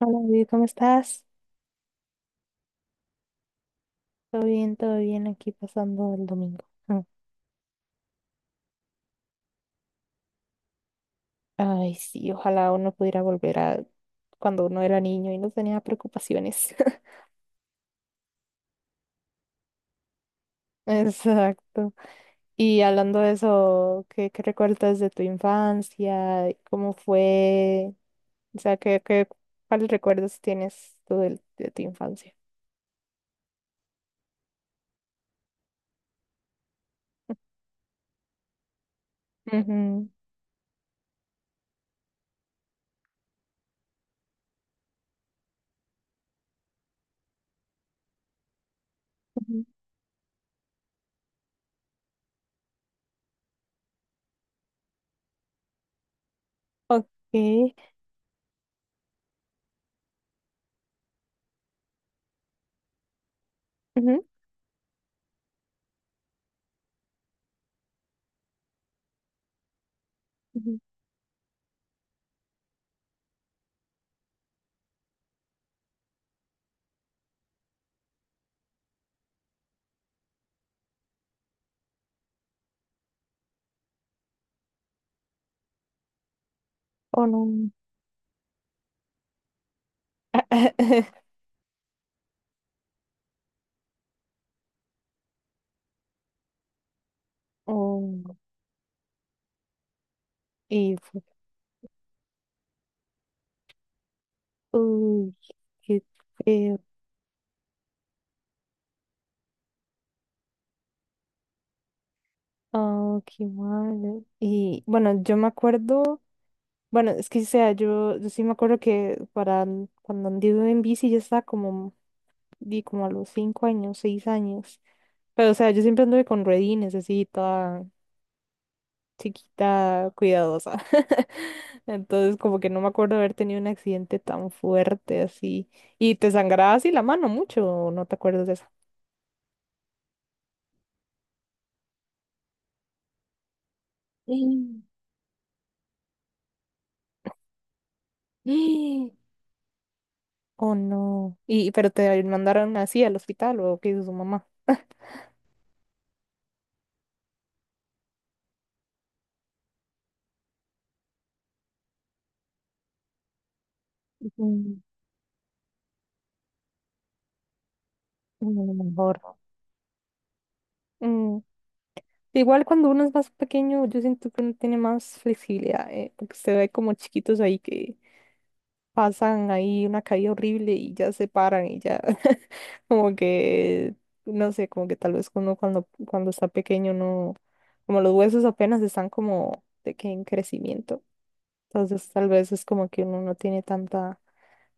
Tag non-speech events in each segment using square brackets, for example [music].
Hola, David, ¿cómo estás? Todo bien, aquí pasando el domingo. Mm. Ay, sí, ojalá uno pudiera volver a cuando uno era niño y no tenía preocupaciones. [laughs] Exacto. Y hablando de eso, ¿qué recuerdas de tu infancia? ¿Cómo fue? O sea, ¿qué, qué, cuáles recuerdos tienes tú de tu infancia? Ujú, ujú. Ok. Ujú, ujú. Oh, no. [laughs] Oh, y fue- uy, qué feo. Oh, qué malo. Y bueno, yo me acuerdo, bueno, es que o sea, yo sí me acuerdo que para cuando anduve en bici ya estaba como, di como a los 5 años, 6 años. Pero o sea, yo siempre anduve con ruedines, así, toda chiquita, cuidadosa. [laughs] Entonces, como que no me acuerdo haber tenido un accidente tan fuerte así. Y te sangraba así la mano mucho, ¿o ¿no te acuerdas de eso? Mm. Mm. [gasps] Oh, no. Y, pero te mandaron así al hospital, ¿o qué hizo su mamá? Mm, mm, lo mejor. ¿No? Mm, igual cuando uno es más pequeño, yo siento que uno tiene más flexibilidad, porque se ve como chiquitos ahí que pasan ahí una caída horrible y ya se paran y ya [laughs] como que, no sé, como que tal vez uno cuando, cuando está pequeño no, como los huesos apenas están como de que en crecimiento. Entonces tal vez es como que uno no tiene tanta,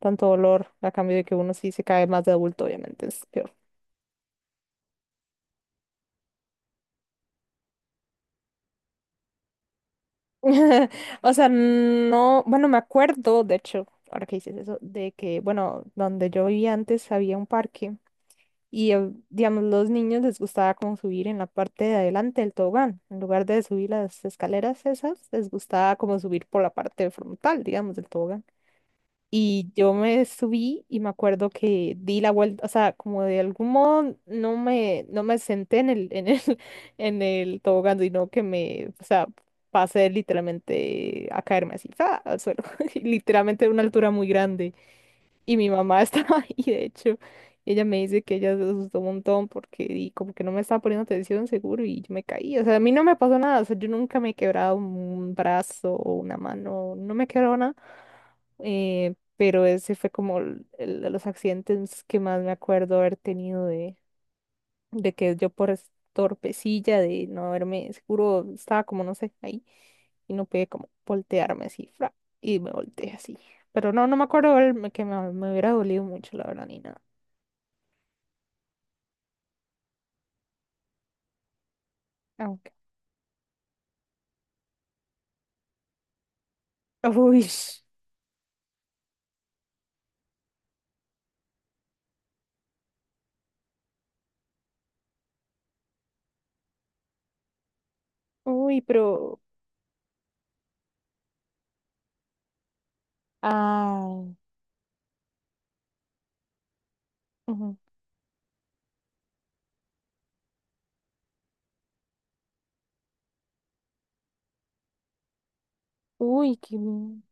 tanto dolor, a cambio de que uno sí se cae más de adulto, obviamente. [laughs] O sea, no, bueno, me acuerdo, de hecho, ahora que dices eso, de que, bueno, donde yo vivía antes había un parque y, digamos, los niños les gustaba como subir en la parte de adelante del tobogán. En lugar de subir las escaleras esas, les gustaba como subir por la parte frontal, digamos, del tobogán. Y yo me subí y me acuerdo que di la vuelta, o sea, como de algún modo no me senté [laughs] en el tobogán, sino que me, o sea, pasé literalmente a caerme así, ¡fa!, al suelo, [laughs] y literalmente de una altura muy grande. Y mi mamá estaba [laughs] ahí, de hecho, ella me dice que ella se asustó un montón porque y como que no me estaba poniendo atención seguro y yo me caí. O sea, a mí no me pasó nada, o sea, yo nunca me he quebrado un brazo o una mano, no me he quebrado nada. Eh, pero ese fue como el de los accidentes que más me acuerdo haber tenido de que yo por torpecilla de no haberme, seguro estaba como, no sé, ahí, y no pude como voltearme así, fra, y me volteé así. Pero no, no me acuerdo que me hubiera dolido mucho, la verdad, ni nada. Aunque. Uy, uy, pero. Ay. Ujú. Uy,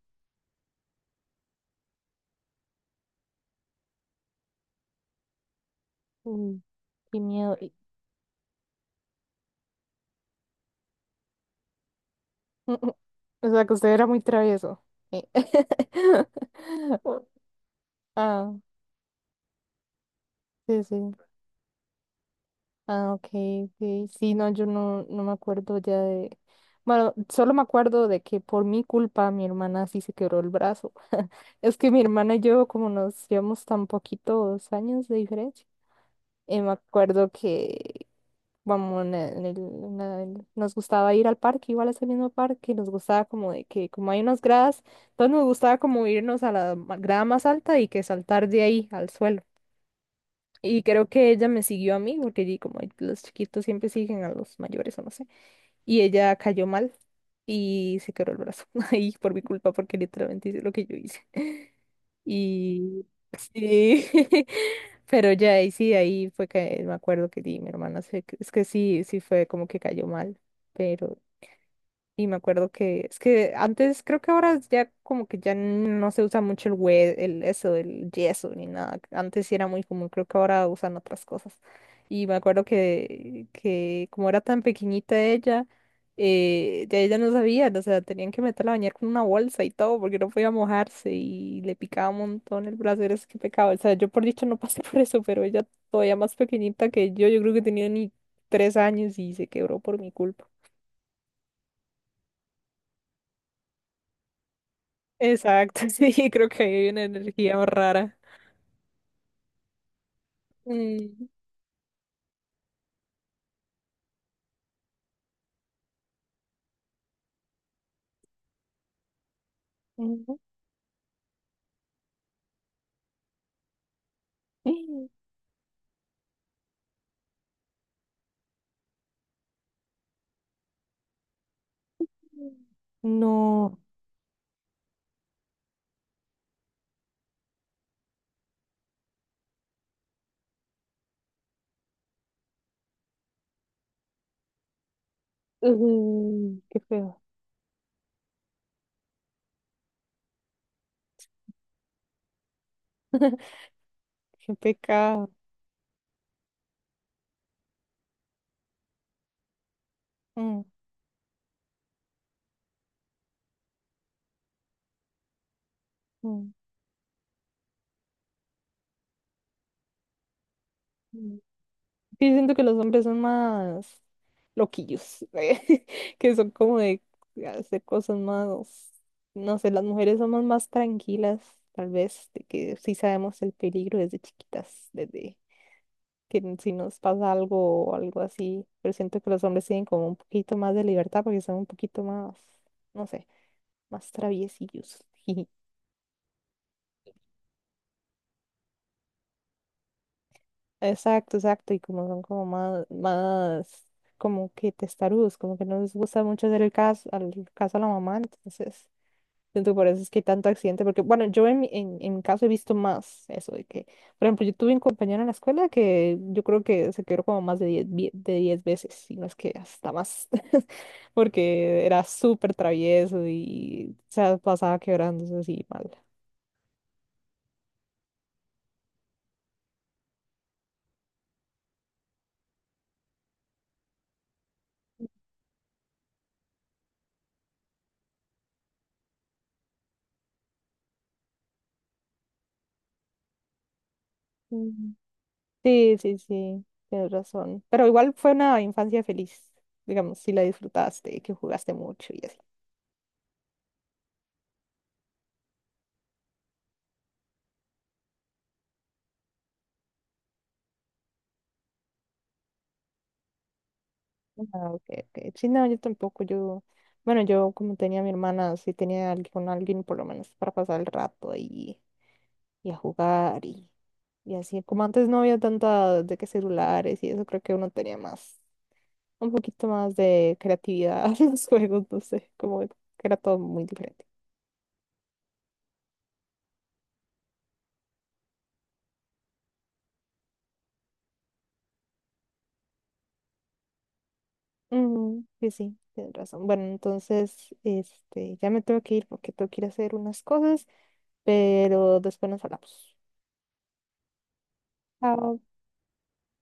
uy, qué miedo. [laughs] O sea, que usted era muy travieso. Eh. [laughs] Ah, sí, sí. Ah, ok, ok. Sí, no, yo no, no me acuerdo ya de... Bueno, solo me acuerdo de que por mi culpa mi hermana sí se quebró el brazo. [laughs] Es que mi hermana y yo, como nos llevamos tan poquitos años de diferencia, me acuerdo que, vamos, nos gustaba ir al parque, igual a ese mismo parque, nos gustaba como de que, como hay unas gradas, entonces nos gustaba como irnos a la grada más alta y que saltar de ahí al suelo. Y creo que ella me siguió a mí, porque como los chiquitos siempre siguen a los mayores o no sé. Y ella cayó mal y se quebró el brazo [laughs] ahí por mi culpa, porque literalmente hice lo que yo hice. [laughs] Y sí, [laughs] pero ya ahí sí, ahí fue que me acuerdo que di, mi hermana, es que sí, sí fue como que cayó mal, pero y me acuerdo que es que antes, creo que ahora ya como que ya no se usa mucho el el yeso ni nada. Antes sí era muy común, creo que ahora usan otras cosas. Y me acuerdo que como era tan pequeñita ella, ya ella no sabía, o sea, tenían que meterla a bañar con una bolsa y todo, porque no podía mojarse y le picaba un montón el brazo, era que pecado. O sea, yo por dicho no [laughs] pasé por eso, pero ella todavía más pequeñita que yo creo que tenía ni 3 años y se quebró por mi culpa. Exacto, [laughs] sí, creo que hay una energía rara. Mm, ujú. No, ujú, qué feo, [laughs] qué pecado. Mm, mm, mm. Sí, siento que los hombres son más loquillos, [laughs] que son como de hacer cosas más, no sé, las mujeres somos más tranquilas, tal vez, de que sí sabemos el peligro desde chiquitas, desde que si nos pasa algo o algo así, pero siento que los hombres tienen como un poquito más de libertad porque son un poquito más, no sé, más traviesillos. [laughs] Jiji. Exacto, exacto, y como son como más, más como que testarudos, como que no les gusta mucho hacer el caso, al caso a la mamá, entonces siento que por eso es que hay tanto accidente, porque bueno, yo en, en mi caso he visto más eso de que, por ejemplo, yo tuve un compañero en la escuela que yo creo que se quebró como más de 10 de 10 veces, si no es que hasta más, [laughs] porque era súper travieso y se pasaba quebrándose así mal. Mm. Sí, sí, sí, tienes razón. Pero igual fue una infancia feliz, digamos, si la disfrutaste, que jugaste mucho y así. Ah, ok, ok. Sí, no, yo tampoco, yo, bueno, yo como tenía a mi hermana, sí tenía con alguien por lo menos para pasar el rato y a jugar y así, como antes no había tanta de que celulares y eso, creo que uno tenía más, un poquito más de creatividad [laughs] en los juegos, no sé, como que era todo muy diferente. Ujú, sí, sí, tienes razón. Bueno, entonces, este, ya me tengo que ir porque tengo que ir a hacer unas cosas, pero después nos hablamos. Chao.